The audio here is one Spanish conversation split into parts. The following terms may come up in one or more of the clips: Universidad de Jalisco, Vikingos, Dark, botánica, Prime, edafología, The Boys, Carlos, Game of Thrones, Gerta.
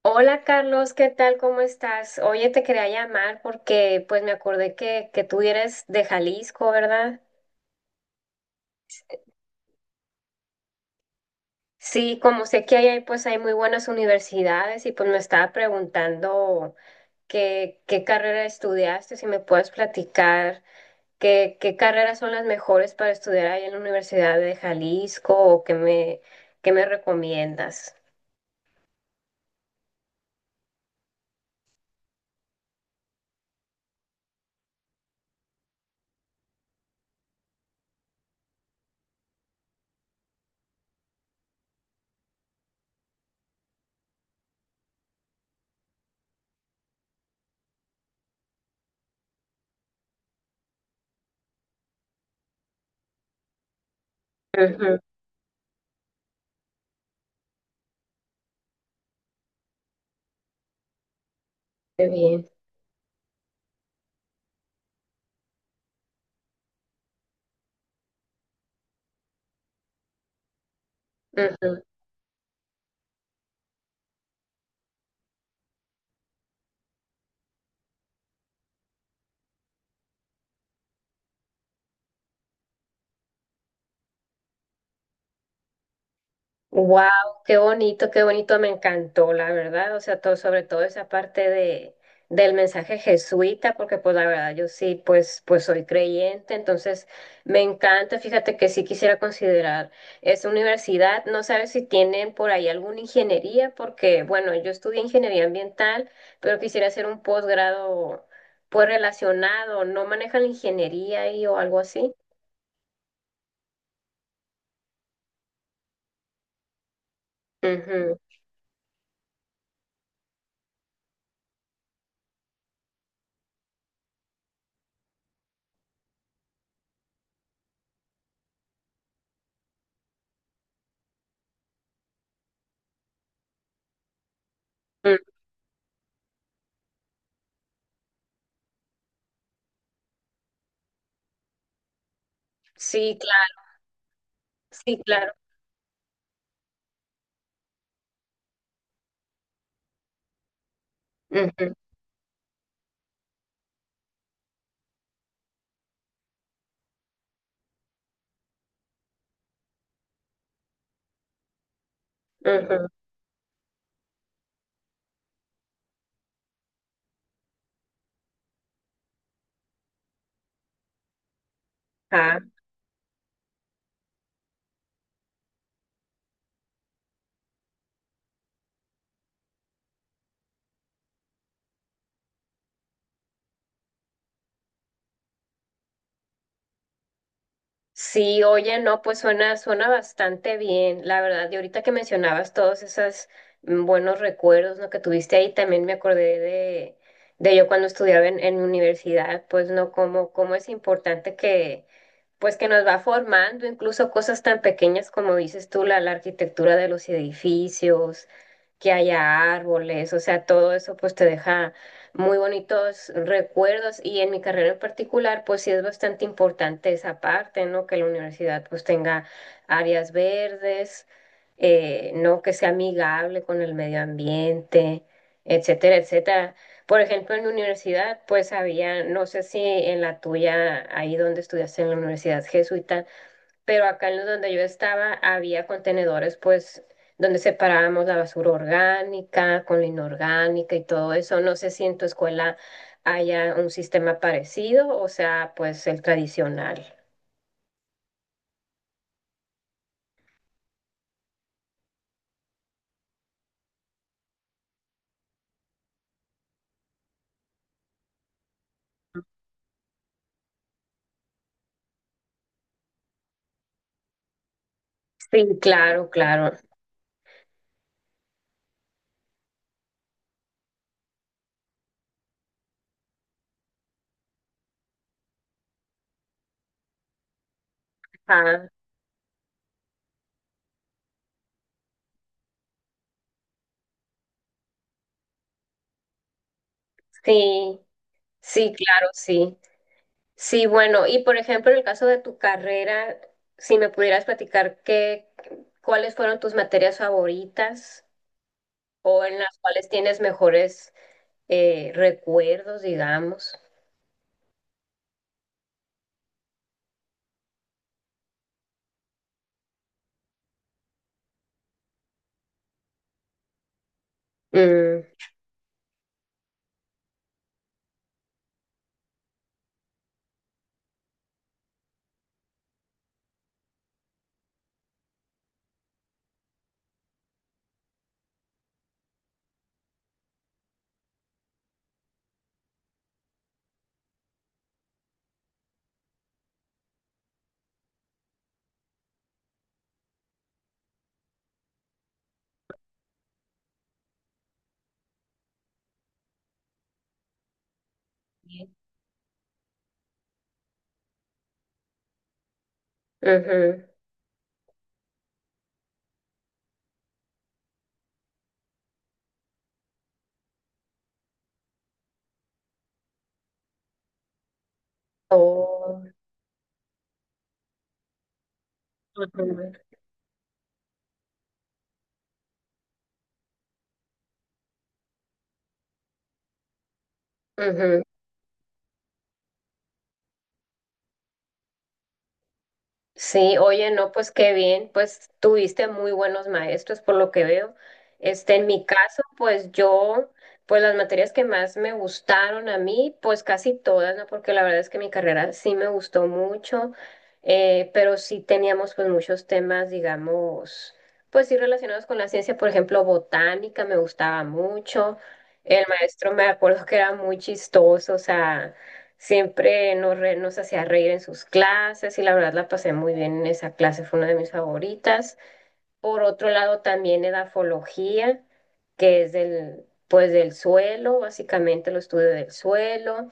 Hola Carlos, ¿qué tal? ¿Cómo estás? Oye, te quería llamar porque pues me acordé que tú eres de Jalisco, ¿verdad? Sí, como sé que ahí hay, pues hay muy buenas universidades y pues me estaba preguntando qué carrera estudiaste, si me puedes platicar qué carreras son las mejores para estudiar ahí en la Universidad de Jalisco o qué me recomiendas. Ujú, qué bien. Wow, qué bonito, me encantó, la verdad. O sea, todo, sobre todo esa parte del mensaje jesuita, porque pues la verdad yo sí, pues, pues soy creyente, entonces me encanta. Fíjate que sí quisiera considerar esa universidad. No sabes si tienen por ahí alguna ingeniería, porque bueno, yo estudié ingeniería ambiental, pero quisiera hacer un posgrado pues relacionado. ¿No manejan la ingeniería ahí o algo así? Ujú, ujú. Sí, claro, sí, claro. Ujú, ujú. Ajá. Sí, oye, no, pues suena, suena bastante bien, la verdad. Y ahorita que mencionabas todos esos buenos recuerdos, ¿no? Que tuviste ahí, también me acordé de yo cuando estudiaba en universidad, pues no, cómo es importante que, pues que nos va formando, incluso cosas tan pequeñas como dices tú, la arquitectura de los edificios, que haya árboles, o sea, todo eso pues te deja muy bonitos recuerdos y en mi carrera en particular pues sí es bastante importante esa parte, ¿no? Que la universidad pues tenga áreas verdes, ¿no? Que sea amigable con el medio ambiente, etcétera, etcétera. Por ejemplo, en la universidad, pues había, no sé si en la tuya, ahí donde estudiaste en la universidad jesuita, pero acá en donde yo estaba había contenedores, pues, donde separábamos la basura orgánica con la inorgánica y todo eso. No sé si en tu escuela haya un sistema parecido, o sea, pues el tradicional. Sí, claro, claro. Ah, sí, sí, claro, sí. Sí, bueno, y por ejemplo, en el caso de tu carrera, si me pudieras platicar qué, cuáles fueron tus materias favoritas o en las cuales tienes mejores recuerdos, digamos. Mm, ujú. O- ujú, ujú. Sí, oye, no, pues qué bien, pues tuviste muy buenos maestros por lo que veo. Este, en mi caso, pues yo, pues las materias que más me gustaron a mí, pues casi todas, ¿no? Porque la verdad es que mi carrera sí me gustó mucho, pero sí teníamos pues muchos temas, digamos, pues sí relacionados con la ciencia, por ejemplo, botánica me gustaba mucho. El maestro me acuerdo que era muy chistoso, o sea... Siempre nos, nos hacía reír en sus clases y la verdad la pasé muy bien en esa clase, fue una de mis favoritas. Por otro lado, también edafología, que es del, pues, del suelo, básicamente lo estudio del suelo.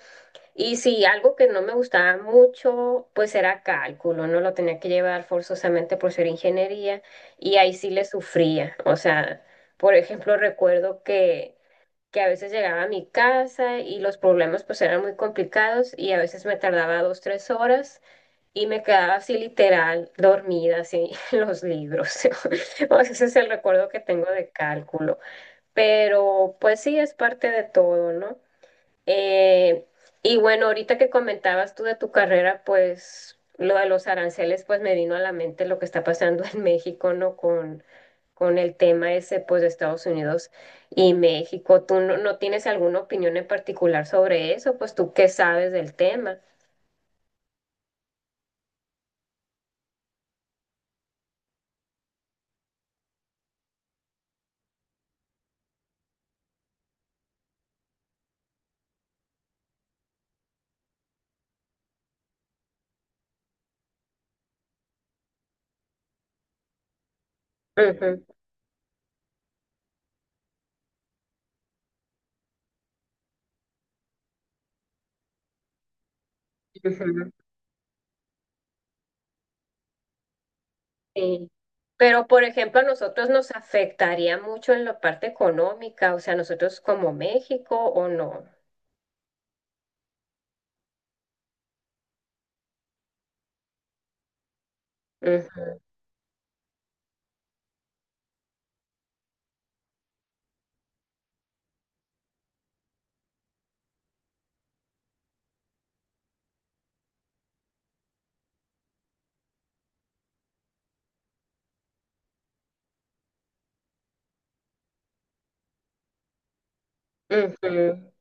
Y sí, algo que no me gustaba mucho, pues era cálculo, ¿no? Lo tenía que llevar forzosamente por ser ingeniería y ahí sí le sufría. O sea, por ejemplo, recuerdo que a veces llegaba a mi casa y los problemas pues eran muy complicados y a veces me tardaba dos, tres horas y me quedaba así literal dormida así en los libros. O sea, ese es el recuerdo que tengo de cálculo. Pero pues sí, es parte de todo, ¿no? Eh, y bueno, ahorita que comentabas tú de tu carrera, pues lo de los aranceles, pues me vino a la mente lo que está pasando en México, ¿no? Con el tema ese, pues de Estados Unidos y México. ¿Tú no, no tienes alguna opinión en particular sobre eso? Pues tú qué sabes del tema. Ujú, ujú, sí. Pero, por ejemplo, a nosotros nos afectaría mucho en la parte económica, o sea, nosotros como México o no. Ujú, ujú.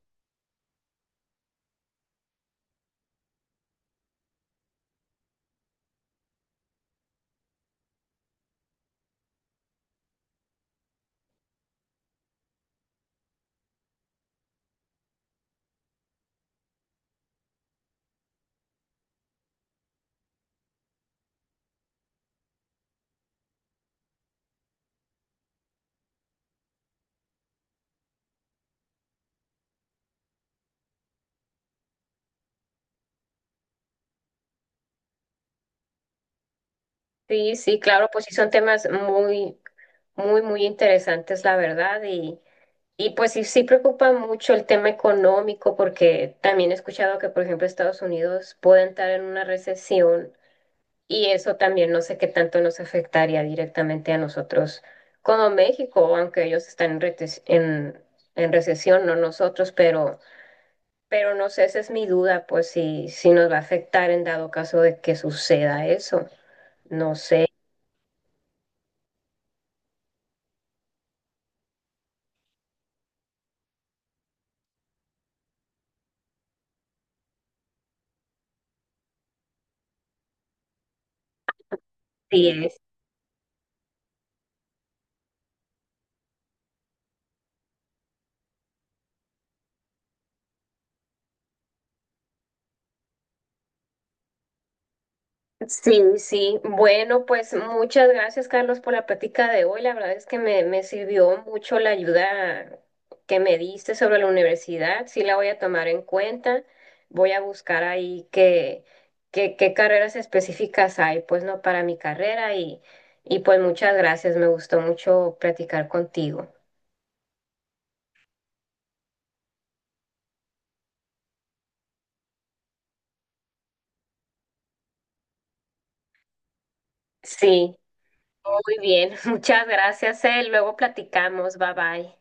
Sí, sí, claro, pues sí son temas muy, muy, muy interesantes, la verdad, y pues sí, sí preocupa mucho el tema económico, porque también he escuchado que, por ejemplo, Estados Unidos puede entrar en una recesión y eso también no sé qué tanto nos afectaría directamente a nosotros como México, aunque ellos están en, en recesión, no nosotros, pero no sé, esa es mi duda, pues si, si nos va a afectar en dado caso de que suceda eso, no sé. Sí, sí, sí. Bueno, pues muchas gracias, Carlos, por la plática de hoy. La verdad es que me sirvió mucho la ayuda que me diste sobre la universidad. Sí la voy a tomar en cuenta. Voy a buscar ahí qué carreras específicas hay, pues no para mi carrera. Y pues muchas gracias. Me gustó mucho platicar contigo. Sí, muy bien. Muchas gracias, eh. Luego platicamos. Bye bye.